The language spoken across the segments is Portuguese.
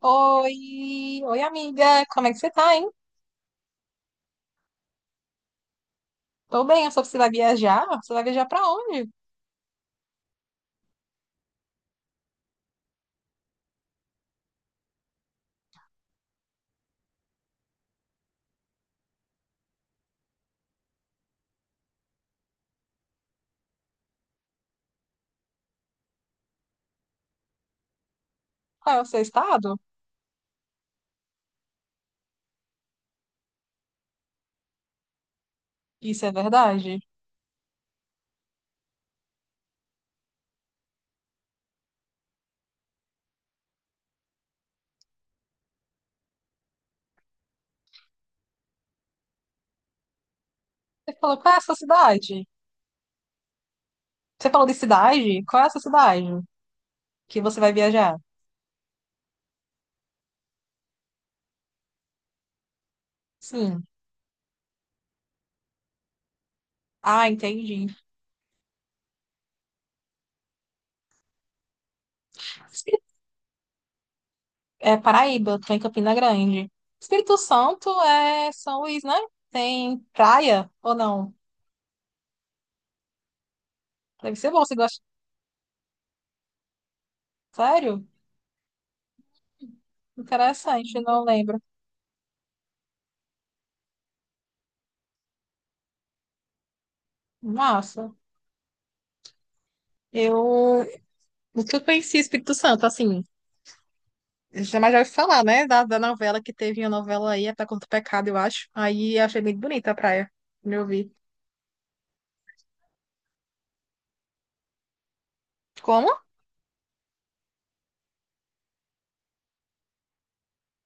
Oi, oi amiga, como é que você tá, hein? Tô bem, eu soube que você vai viajar. Você vai viajar pra onde? Qual é o seu estado? Isso é verdade? Você falou qual é a sua cidade? Você falou de cidade? Qual é a sua cidade que você vai viajar? Sim. Ah, entendi. Espí- É Paraíba, tô em Campina Grande. Espírito Santo é São Luís, né? Tem praia ou não? Deve ser bom, você gosta. Sério? Interessante, não lembro. Massa. Eu nunca conheci Espírito Santo, assim. Jamais já ouvi falar, né? Da novela que teve uma novela aí, até contra o pecado, eu acho. Aí eu achei muito bonita a praia. Me ouvi. Como?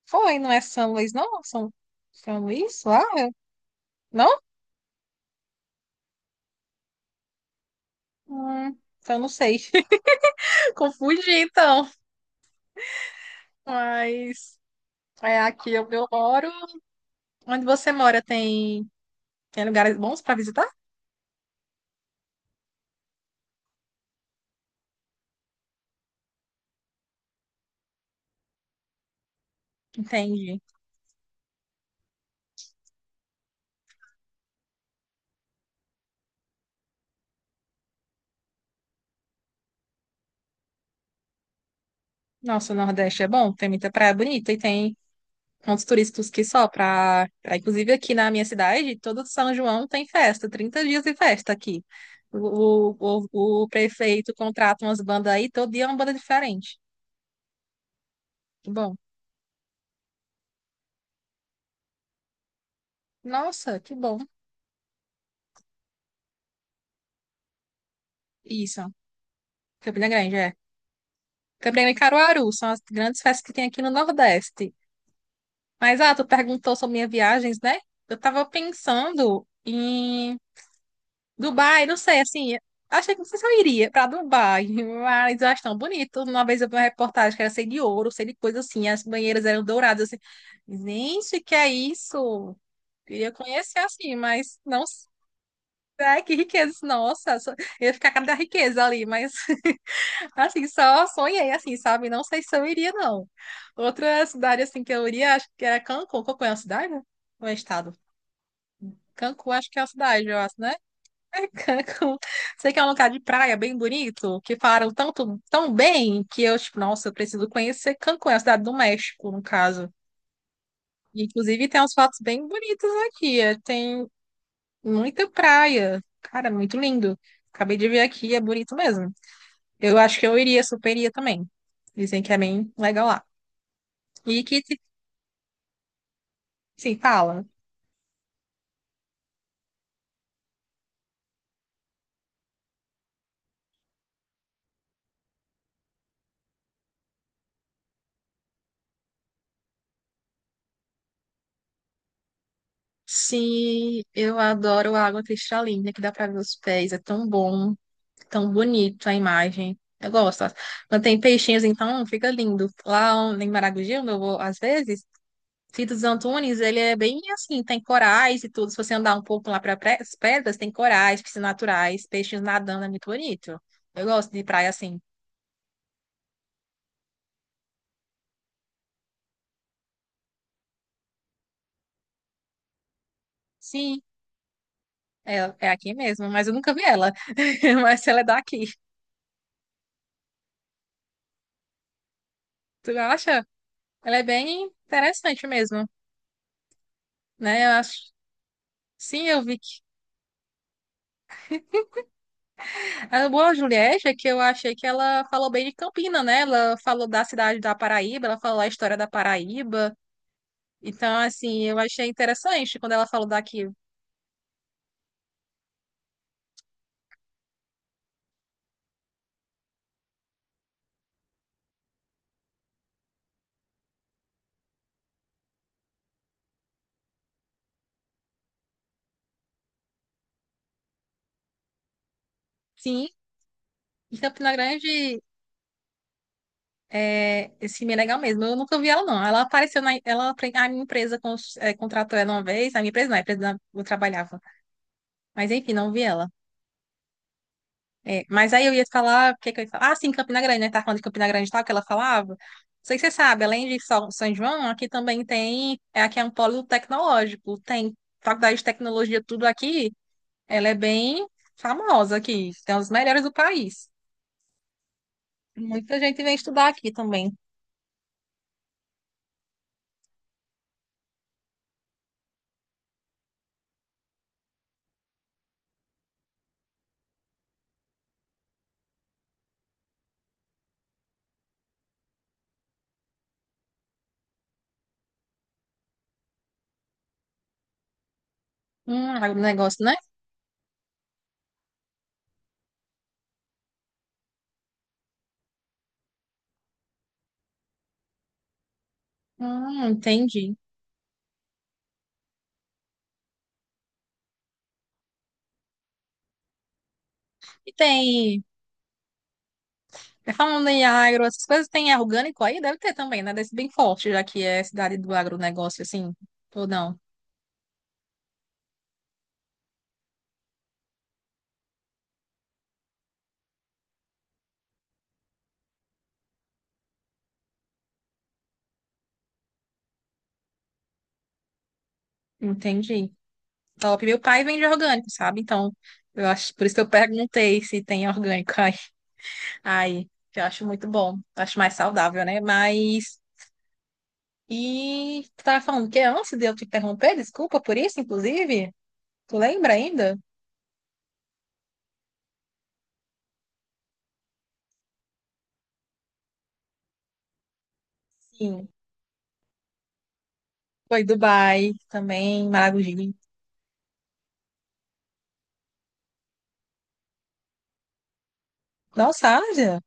Foi, não é São Luís, não? São Luís? Lá? É, Não? Hum, então não sei. Confundi, então. Mas é aqui onde eu moro. Onde você mora tem lugares bons para visitar? Entendi. Nossa, o Nordeste é bom, tem muita praia bonita e tem. Pontos turísticos que só para, inclusive aqui na minha cidade, todo São João tem festa, 30 dias de festa aqui. O prefeito contrata umas bandas aí, todo dia é uma banda diferente. Que bom. Nossa, que bom. Isso, Campina Grande, é. Campina Grande e Caruaru são as grandes festas que tem aqui no Nordeste. Mas, ah, tu perguntou sobre minhas viagens, né? Eu tava pensando em Dubai, não sei, assim, achei que não sei se eu iria pra Dubai, mas eu acho tão bonito. Uma vez eu vi uma reportagem que era sei de ouro, sei de coisa assim, as banheiras eram douradas, assim. Gente, que é isso? Queria conhecer assim, mas não sei. Ai, que riqueza, nossa, só- eu ia ficar com a cara da riqueza ali, mas assim, só sonhei, assim, sabe? Não sei se eu iria, não. Outra cidade, assim, que eu iria, acho que era Cancún, Cancún é uma cidade, né? Ou é estado? Cancún, acho que é uma cidade, eu acho, né? Cancún. Sei que é um lugar de praia bem bonito, que falaram tanto, tão bem, que eu, tipo, nossa, eu preciso conhecer Cancún, é a cidade do México, no caso. E, inclusive, tem umas fotos bem bonitas aqui. Tem muita praia. Cara, muito lindo. Acabei de ver aqui, é bonito mesmo. Eu acho que eu iria, super iria também. Dizem que é bem legal lá. E que, sim, fala. Sim, eu adoro a água cristalina que dá para ver os pés. É tão bom, tão bonito a imagem. Eu gosto. Quando tem peixinhos, então fica lindo. Lá em Maragogi, onde eu vou às vezes, Fito dos Antunes, ele é bem assim, tem corais e tudo. Se você andar um pouco lá para as pedras, tem corais, piscinas naturais, peixinhos nadando, é muito bonito. Eu gosto de praia assim. Sim, é, é aqui mesmo, mas eu nunca vi ela. Mas ela é daqui. Tu acha? Ela é bem interessante mesmo, né? Eu acho. Sim, eu vi que. A boa Juliette é que eu achei que ela falou bem de Campina, né? Ela falou da cidade da Paraíba, ela falou a história da Paraíba. Então, assim, eu achei interessante quando ela falou daqui. Sim, em Campina Grande é esse filme é legal mesmo. Eu nunca vi ela, não. Ela apareceu na. Ela, a minha empresa contratou ela uma vez, a minha empresa não, eu trabalhava. Mas enfim, não vi ela. É, mas aí eu ia falar, o que que eu ia falar? Ah, sim, Campina Grande, né? Tá falando de Campina Grande e tal, que ela falava. Não sei se você sabe, além de São João, aqui também tem, é, aqui é um polo tecnológico, tem faculdade de tecnologia, tudo aqui, ela é bem famosa aqui, tem as melhores do país. Muita gente vem estudar aqui também. Agronegócio, né? Entendi. E falando em agro, essas coisas, tem é orgânico aí? Deve ter também, né? Desse bem forte, já que é cidade do agronegócio, assim, ou não? Entendi. Top. Meu pai vende orgânico, sabe? Então, eu acho, por isso que eu perguntei se tem orgânico aí. Aí, que eu acho muito bom. Acho mais saudável, né? Mas. E tu tava falando que antes de eu te interromper, desculpa por isso, inclusive. Tu lembra ainda? Sim. Foi Dubai também, Maragogi. Nossa, Ásia.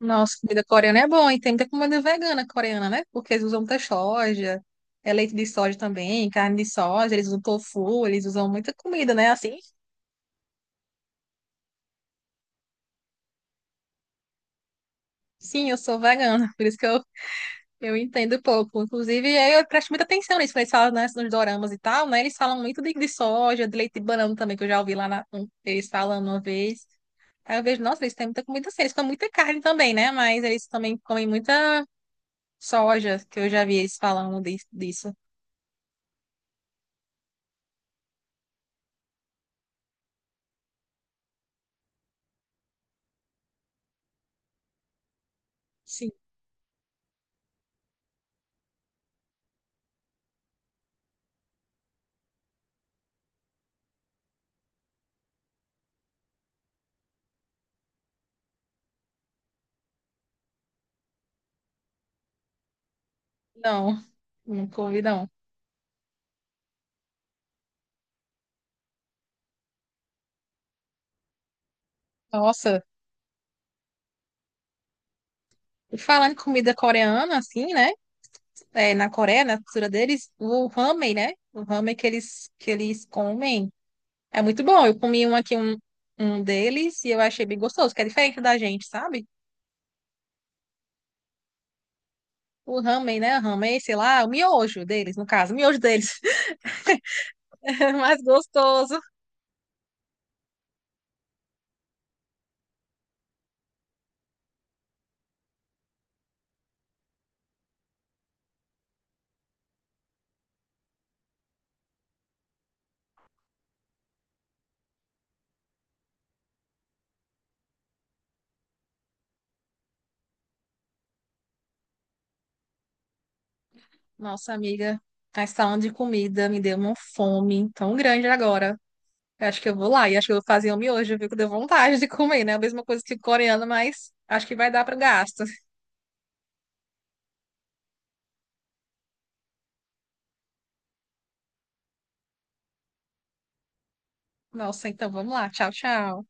Nossa, comida coreana é bom, e tem muita comida vegana coreana, né? Porque eles usam muita soja, é leite de soja também, carne de soja, eles usam tofu, eles usam muita comida, né? Assim, sim, eu sou vegana, por isso que eu entendo pouco. Inclusive, eu presto muita atenção nisso, quando eles falam né, nos doramas e tal, né? Eles falam muito de soja, de leite de banana também, que eu já ouvi eles falando uma vez. Aí eu vejo, nossa, eles têm muita comida assim, eles comem muita carne também, né? Mas eles também comem muita soja, que eu já vi eles falando disso. Sim, não, não comi não. Nossa, e falando em comida coreana, assim, né? É, na Coreia, na cultura deles, o ramen, né? O ramen que eles comem. É muito bom. Eu comi um aqui, um deles, e eu achei bem gostoso, que é diferente da gente, sabe? O ramen, né? Ramen, sei lá, o miojo deles, no caso, o miojo deles. É mais gostoso. Nossa, amiga, essa falando de comida me deu uma fome tão grande agora. Eu acho que eu vou lá e acho que eu vou fazer o miojo, viu? Que deu vontade de comer, né? A mesma coisa que coreano, mas acho que vai dar para gasto. Nossa, então vamos lá. Tchau, tchau.